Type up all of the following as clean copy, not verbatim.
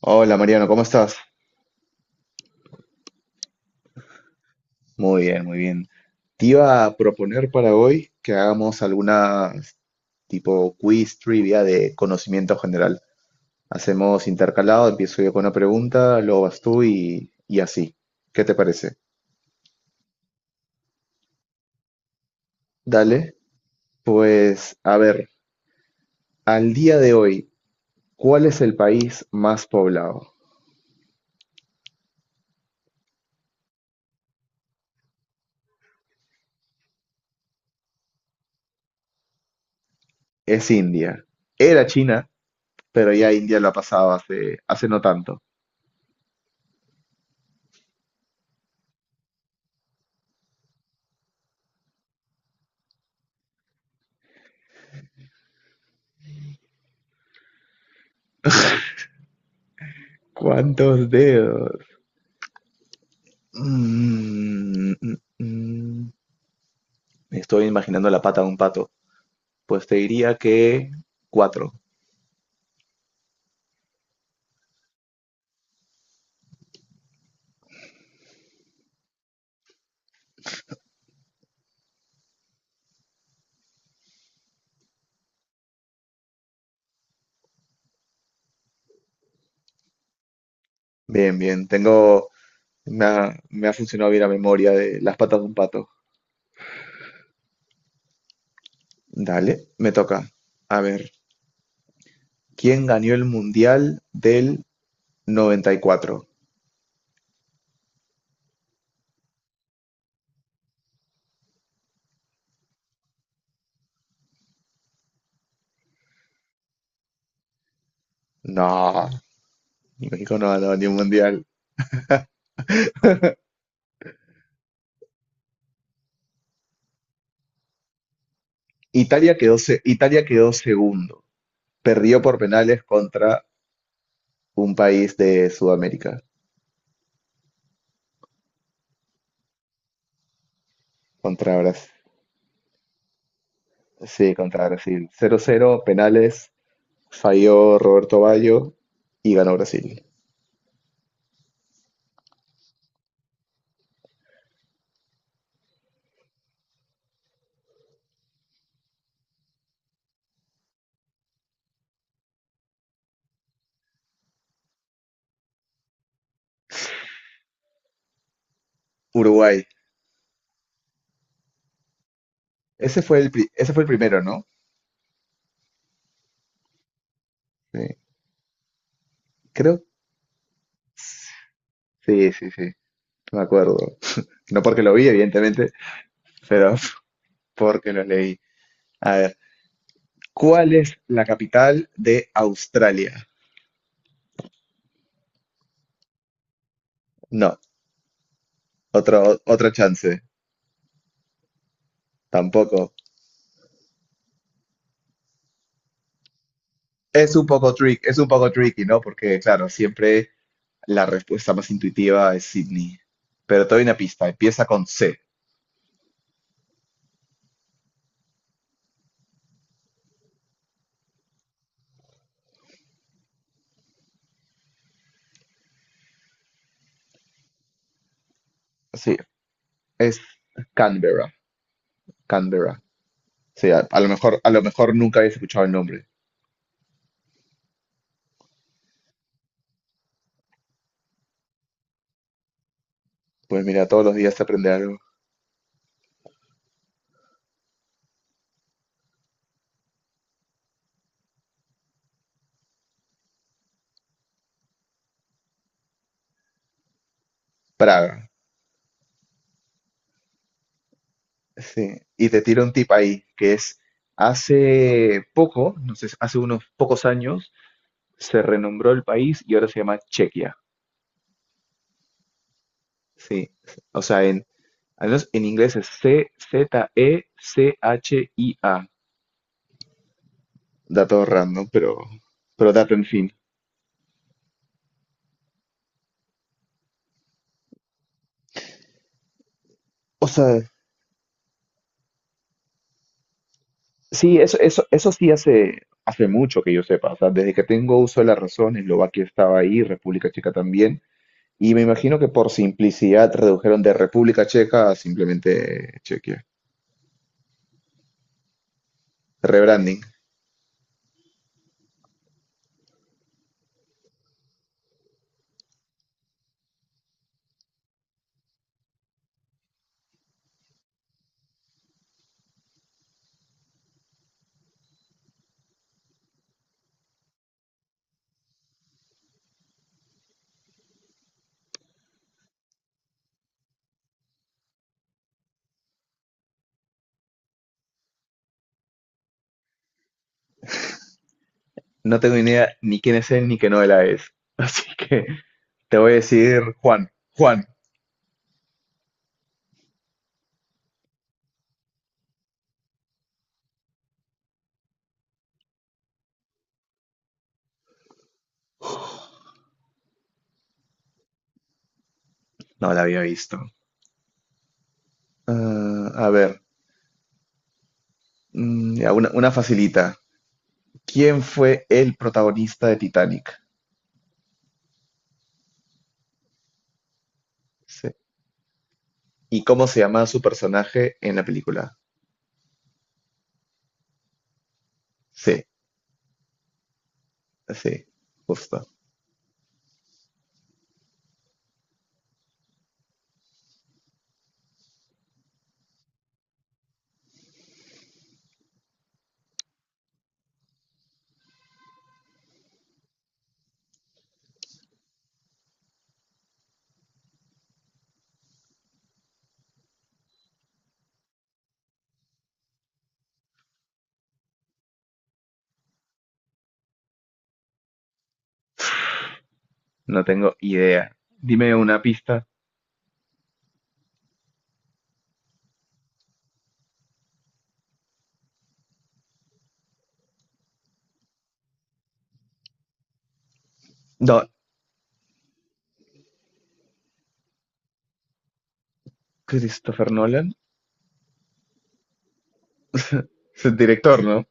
Hola Mariano, ¿cómo estás? Muy bien, muy bien. Te iba a proponer para hoy que hagamos alguna tipo quiz trivia de conocimiento general. Hacemos intercalado, empiezo yo con una pregunta, luego vas tú y así. ¿Qué te parece? Dale, pues a ver, al día de hoy, ¿cuál es el país más poblado? Es India. Era China, pero ya India lo ha pasado hace no tanto. ¿Cuántos dedos? Mm, mm, mm. mm. Estoy imaginando la pata de un pato. Pues te diría que cuatro. Bien, bien. Tengo. Me ha funcionado bien la memoria de las patas de un pato. Dale, me toca. A ver, ¿quién ganó el Mundial del 94? No, México no ganó ni un Mundial. Italia quedó segundo. Perdió por penales contra un país de Sudamérica, contra Brasil. Sí, contra Brasil. 0-0 penales, falló Roberto Baggio y ganó Brasil. Uruguay. Ese fue ese fue el primero, ¿no? Sí, creo. Sí, sí, sí, me acuerdo. No porque lo vi, evidentemente, pero porque lo leí. A ver, ¿cuál es la capital de Australia? No, otro, otra chance, tampoco. Es un poco es un poco tricky, ¿no? Porque, claro, siempre la respuesta más intuitiva es Sydney. Pero te doy una pista, empieza con C. Sí, es Canberra, Canberra. Sí, a lo mejor nunca habías escuchado el nombre. Pues mira, todos los días se aprende algo. Praga, sí. Y te tiro un tip ahí, que es, hace poco, no sé, hace unos pocos años, se renombró el país y ahora se llama Chequia. Sí, o sea, en, al menos en inglés es C-Z-E-C-H-I-A. Dato random, pero dato en fin. O sea, sí, eso sí hace mucho que yo sepa. O sea, desde que tengo uso de la razón, Eslovaquia estaba ahí, República Checa también. Y me imagino que por simplicidad redujeron de República Checa a simplemente Chequia. Rebranding. No tengo ni idea ni quién es él ni qué novela es. Así que te voy a decir Juan. Juan. No la había visto. Ah, a ver, ya, una facilita. ¿Quién fue el protagonista de Titanic? Sí. ¿Y cómo se llamaba su personaje en la película? Sí. Sí, justo. No tengo idea. Dime una pista. No, Christopher Nolan es el director, ¿no?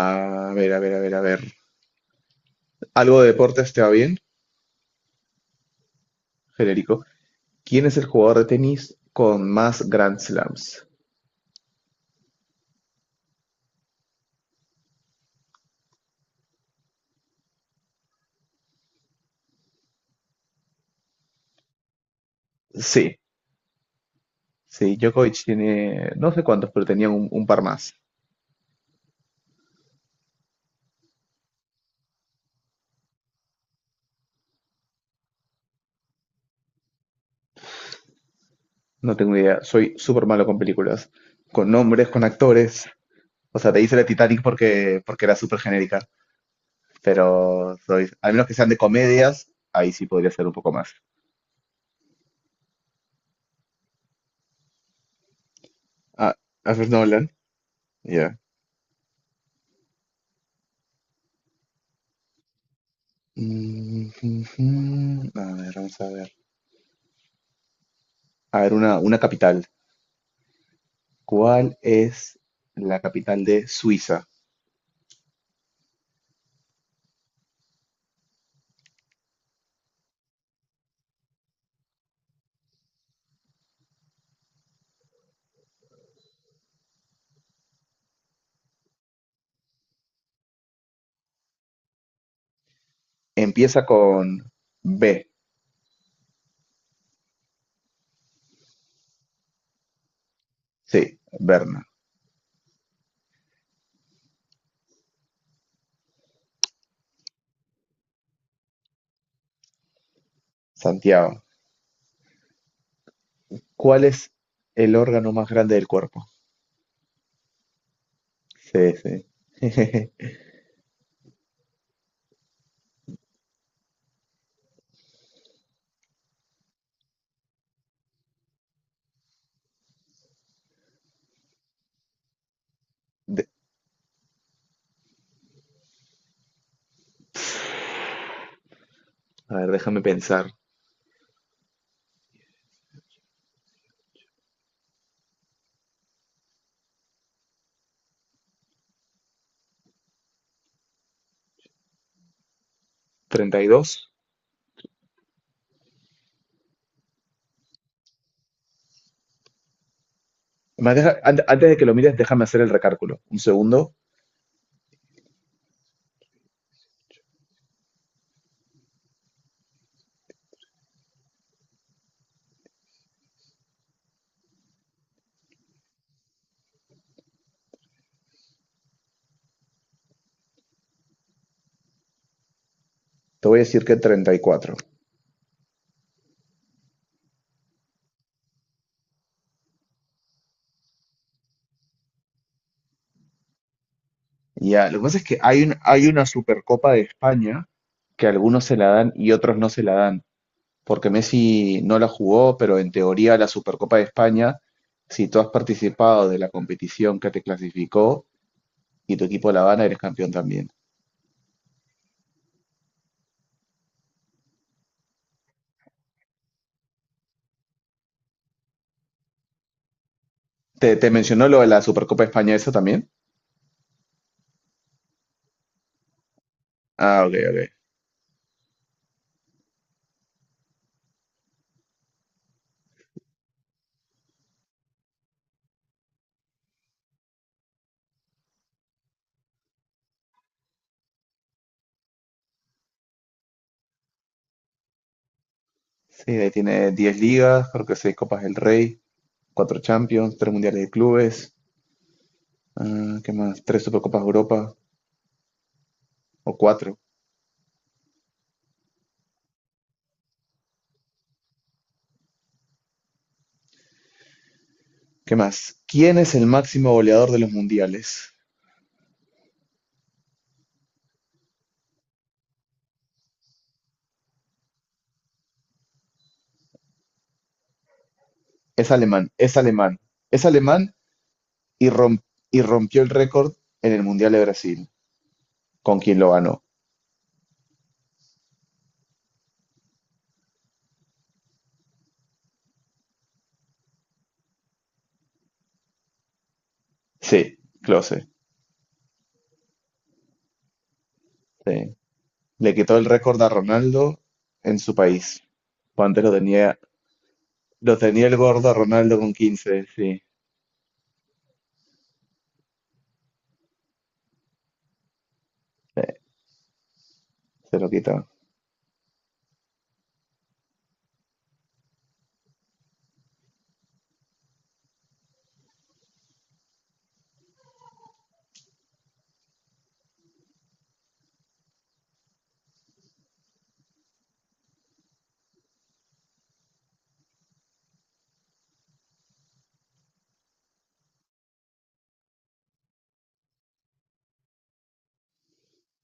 A ver, a ver, a ver, a ver. ¿Algo de deportes te va bien, Federico? ¿Quién es el jugador de tenis con más Grand Slams? Sí, sí, Djokovic tiene, no sé cuántos, pero tenía un par más. No tengo idea. Soy súper malo con películas, con nombres, con actores. O sea, te hice la Titanic porque era súper genérica. Pero soy, al menos que sean de comedias, ahí sí podría ser un poco más. Ah, Alfred Nolan, ya. Mm. A ver, vamos a ver. A ver, una capital. ¿Cuál es la capital de Suiza? Empieza con B. Sí, Berna. Santiago. ¿Cuál es el órgano más grande del cuerpo? Sí, sí. De- a ver, déjame pensar. 32. Antes de que lo mires, déjame hacer el recálculo. Un segundo. Te voy a decir que 34. Ya, lo que pasa es que hay una Supercopa de España que algunos se la dan y otros no se la dan, porque Messi no la jugó, pero en teoría la Supercopa de España, si tú has participado de la competición que te clasificó y tu equipo la gana, eres campeón también. ¿Te mencionó lo de la Supercopa de España eso también? Ah, ok, ok. Sí, ahí tiene 10 ligas, creo que 6 Copas del Rey, 4 Champions, 3 Mundiales de Clubes, ah, ¿qué más? 3 Supercopas de Europa o 4. ¿Qué más? ¿Quién es el máximo goleador de los mundiales? Es alemán, es alemán, es alemán y, rom- y rompió el récord en el Mundial de Brasil, con quien lo ganó. Sí, Klose, sí. Le quitó el récord a Ronaldo en su país. Pues antes lo tenía, el gordo a Ronaldo con 15, sí, se lo quitó.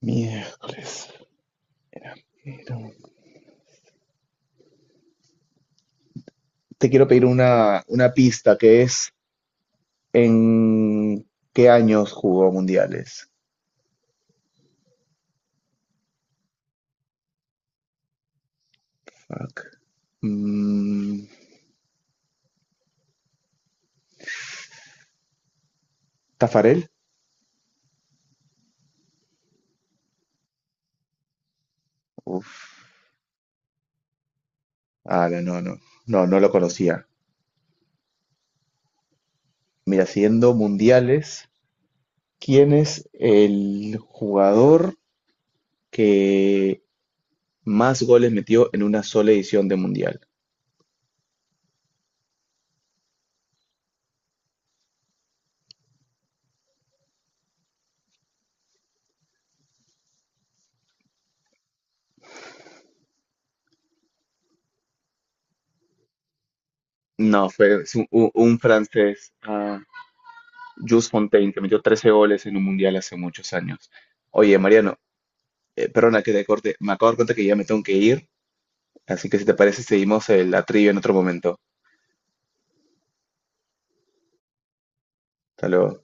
Miércoles. Pero- Te quiero pedir una pista que es en qué años jugó mundiales. Fuck. Mm, ¿Tafarel? Uf, ah, no, no, no, no, no lo conocía. Mira, siguiendo mundiales, ¿quién es el jugador que más goles metió en una sola edición de mundial? No, fue es un francés, ah, Jules Fontaine, que metió 13 goles en un mundial hace muchos años. Oye, Mariano, perdona que te corte, me acabo de dar cuenta que ya me tengo que ir, así que si te parece seguimos la trivia en otro momento. Hasta luego.